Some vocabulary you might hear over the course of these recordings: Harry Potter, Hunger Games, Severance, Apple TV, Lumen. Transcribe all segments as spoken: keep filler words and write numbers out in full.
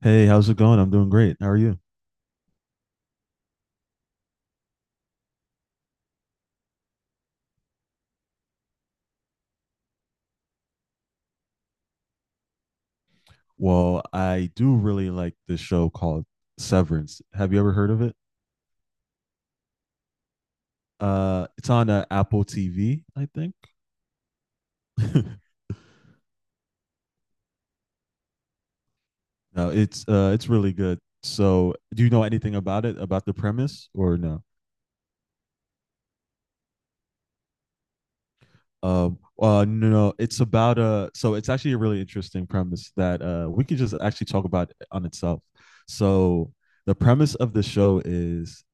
Hey, how's it going? I'm doing great. How are you? Well, I do really like this show called Severance. Have you ever heard of it? Uh, it's on uh, Apple T V, I think. No, it's uh, it's really good. So, do you know anything about it, about the premise, or no? Um, uh, no, no, it's about a. so it's actually a really interesting premise that uh, we could just actually talk about on itself. So, the premise of the show is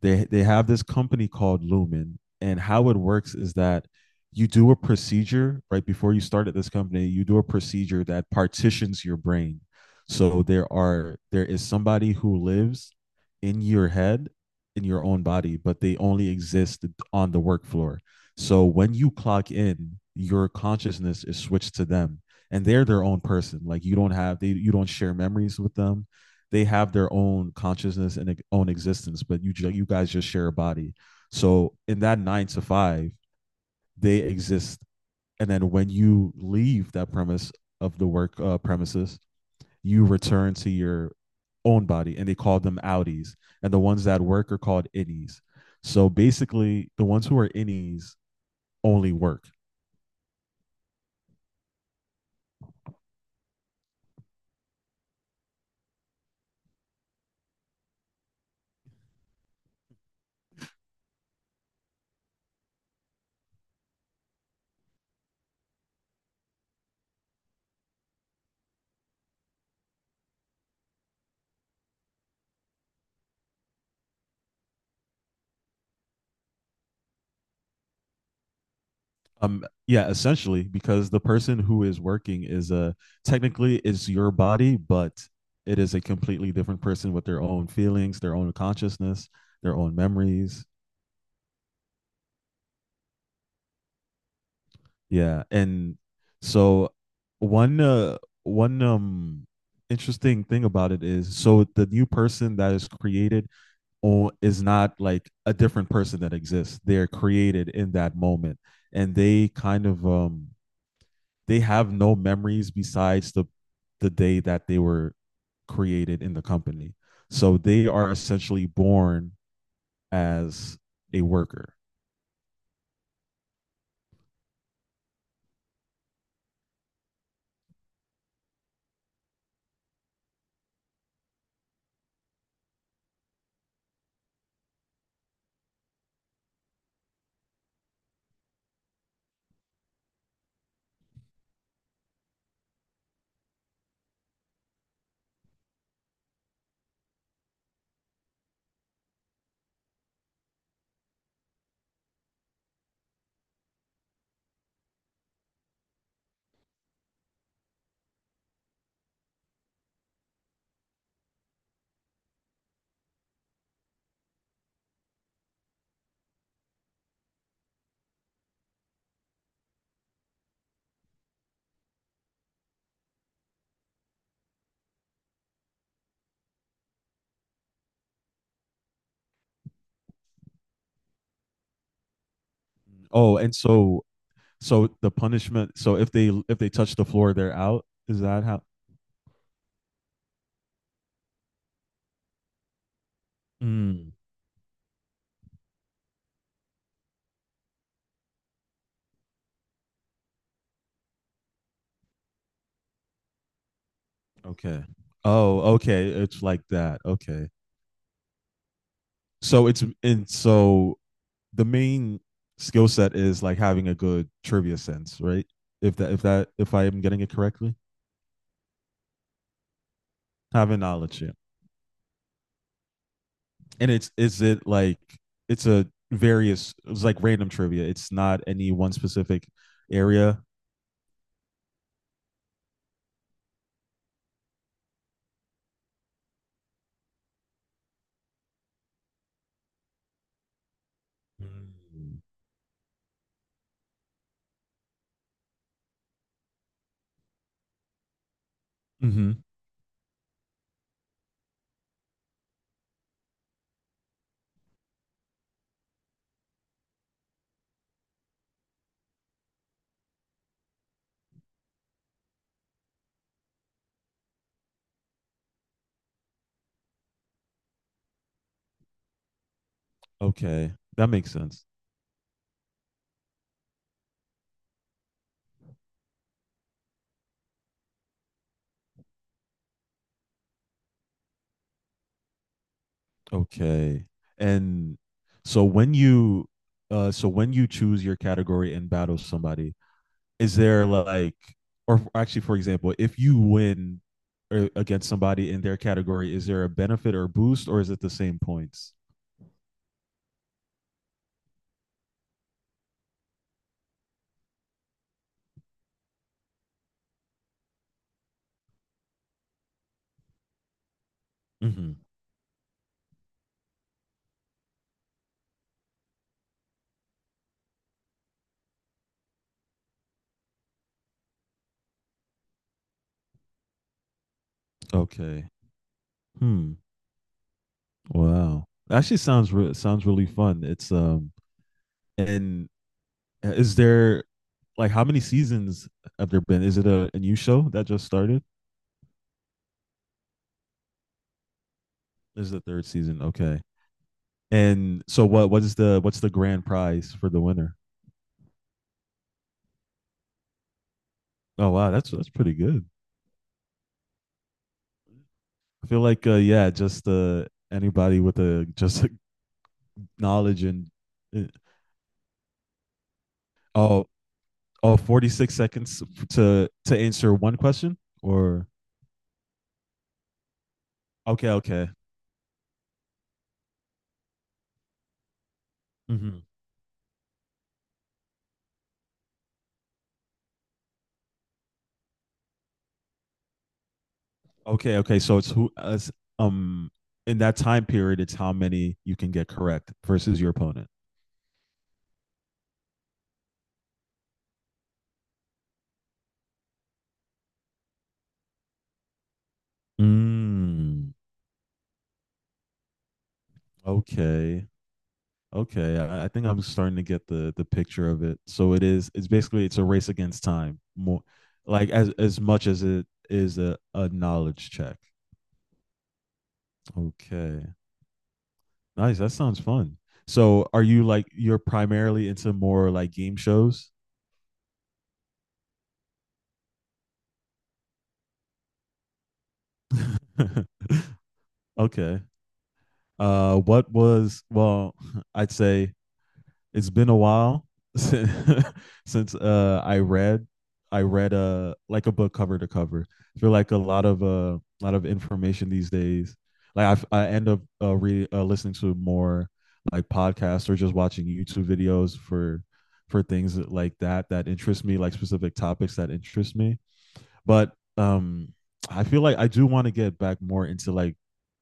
they they have this company called Lumen, and how it works is that you do a procedure right before you start at this company. You do a procedure that partitions your brain. So there are there is somebody who lives in your head, in your own body, but they only exist on the work floor. So when you clock in, your consciousness is switched to them, and they're their own person. Like, you don't have they you don't share memories with them. They have their own consciousness and own existence, but you you guys just share a body. So in that nine to five, they exist, and then when you leave that premise of the work uh, premises, you return to your own body, and they call them outies, and the ones that work are called innies. So basically, the ones who are innies only work. Um, yeah, essentially, because the person who is working is uh technically is your body, but it is a completely different person with their own feelings, their own consciousness, their own memories. Yeah, and so one uh, one um interesting thing about it is, so the new person that is created or is not like a different person that exists. They're created in that moment, and they kind of um they have no memories besides the the day that they were created in the company. So they are essentially born as a worker. Oh, and so so the punishment. So if they if they touch the floor, they're out. Is that how? Mm, okay. Oh, okay. It's like that. Okay. So it's, and so the main skill set is like having a good trivia sense, right? If that if that if I am getting it correctly, having knowledge. Yeah. And it's, is it like, it's a various, it's like random trivia. It's not any one specific area. Mm-hmm. Okay, that makes sense. Okay, and so when you uh so when you choose your category and battle somebody, is there like, or actually, for example, if you win or against somebody in their category, is there a benefit or boost, or is it the same points? Mm-hmm. Okay. Hmm. Wow. Actually sounds re- sounds really fun. It's um and uh, is there like, how many seasons have there been? Is it a, a new show that just started? This is the third season. Okay. And so what what is the what's the grand prize for the winner? Oh wow, that's that's pretty good. I feel like uh yeah, just uh anybody with a just like, knowledge and uh, oh, oh, forty-six seconds to to answer one question or okay, okay. Hmm. Okay, okay. So it's who uh, um in that time period, it's how many you can get correct versus your opponent. Mm, okay, okay. I, I think I'm starting to get the the picture of it. So it is. It's basically, it's a race against time. More like, as as much as it is a, a knowledge check. Okay, nice. That sounds fun. So are you like, you're primarily into more like game shows? okay. Uh, what was well? I'd say it's been a while since, since uh I read I read uh like a book cover to cover. I feel like a lot of uh a lot of information these days. Like, I I end up uh, re uh, listening to more like podcasts or just watching YouTube videos for for things like that that interest me, like specific topics that interest me. But um I feel like I do want to get back more into like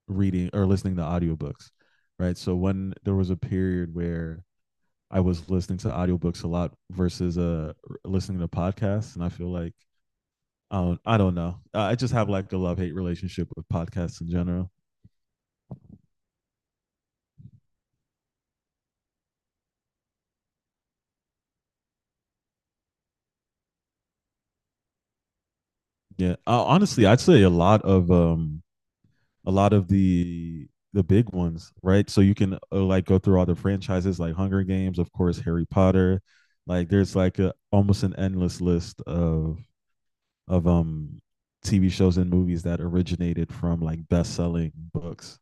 reading or listening to audiobooks, right? So when there was a period where I was listening to audiobooks a lot versus uh listening to podcasts, and I feel like I don't I don't know. Uh, I just have like a love hate relationship with podcasts in general. Yeah, uh, honestly, I'd say a lot of um a lot of the the big ones, right? So you can uh, like go through all the franchises like Hunger Games, of course, Harry Potter. Like there's like a, almost an endless list of of um T V shows and movies that originated from like best-selling books.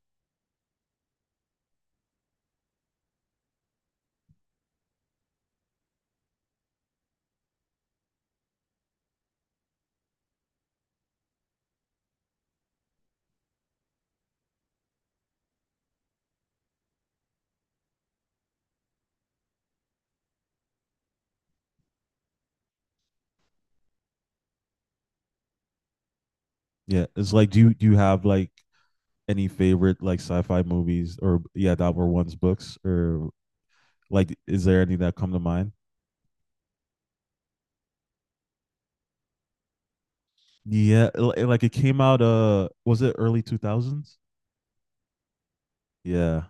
Yeah, it's like, do you do you have like any favorite like sci-fi movies or yeah that were once books, or like is there any that come to mind? Yeah, like it came out uh was it early two thousands? Yeah.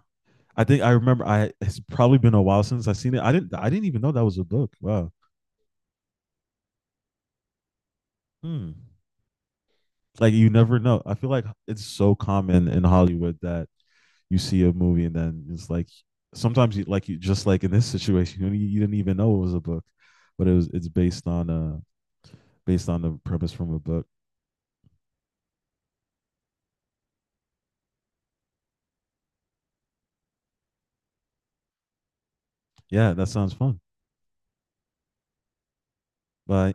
I think I remember. I it's probably been a while since I seen it. I didn't. I didn't even know that was a book. Wow. Hmm. Like you never know. I feel like it's so common in Hollywood that you see a movie and then it's like, sometimes you like, you just like, in this situation you, you didn't even know it was a book, but it was it's based on a based on the premise from a book. Yeah, that sounds fun. Bye.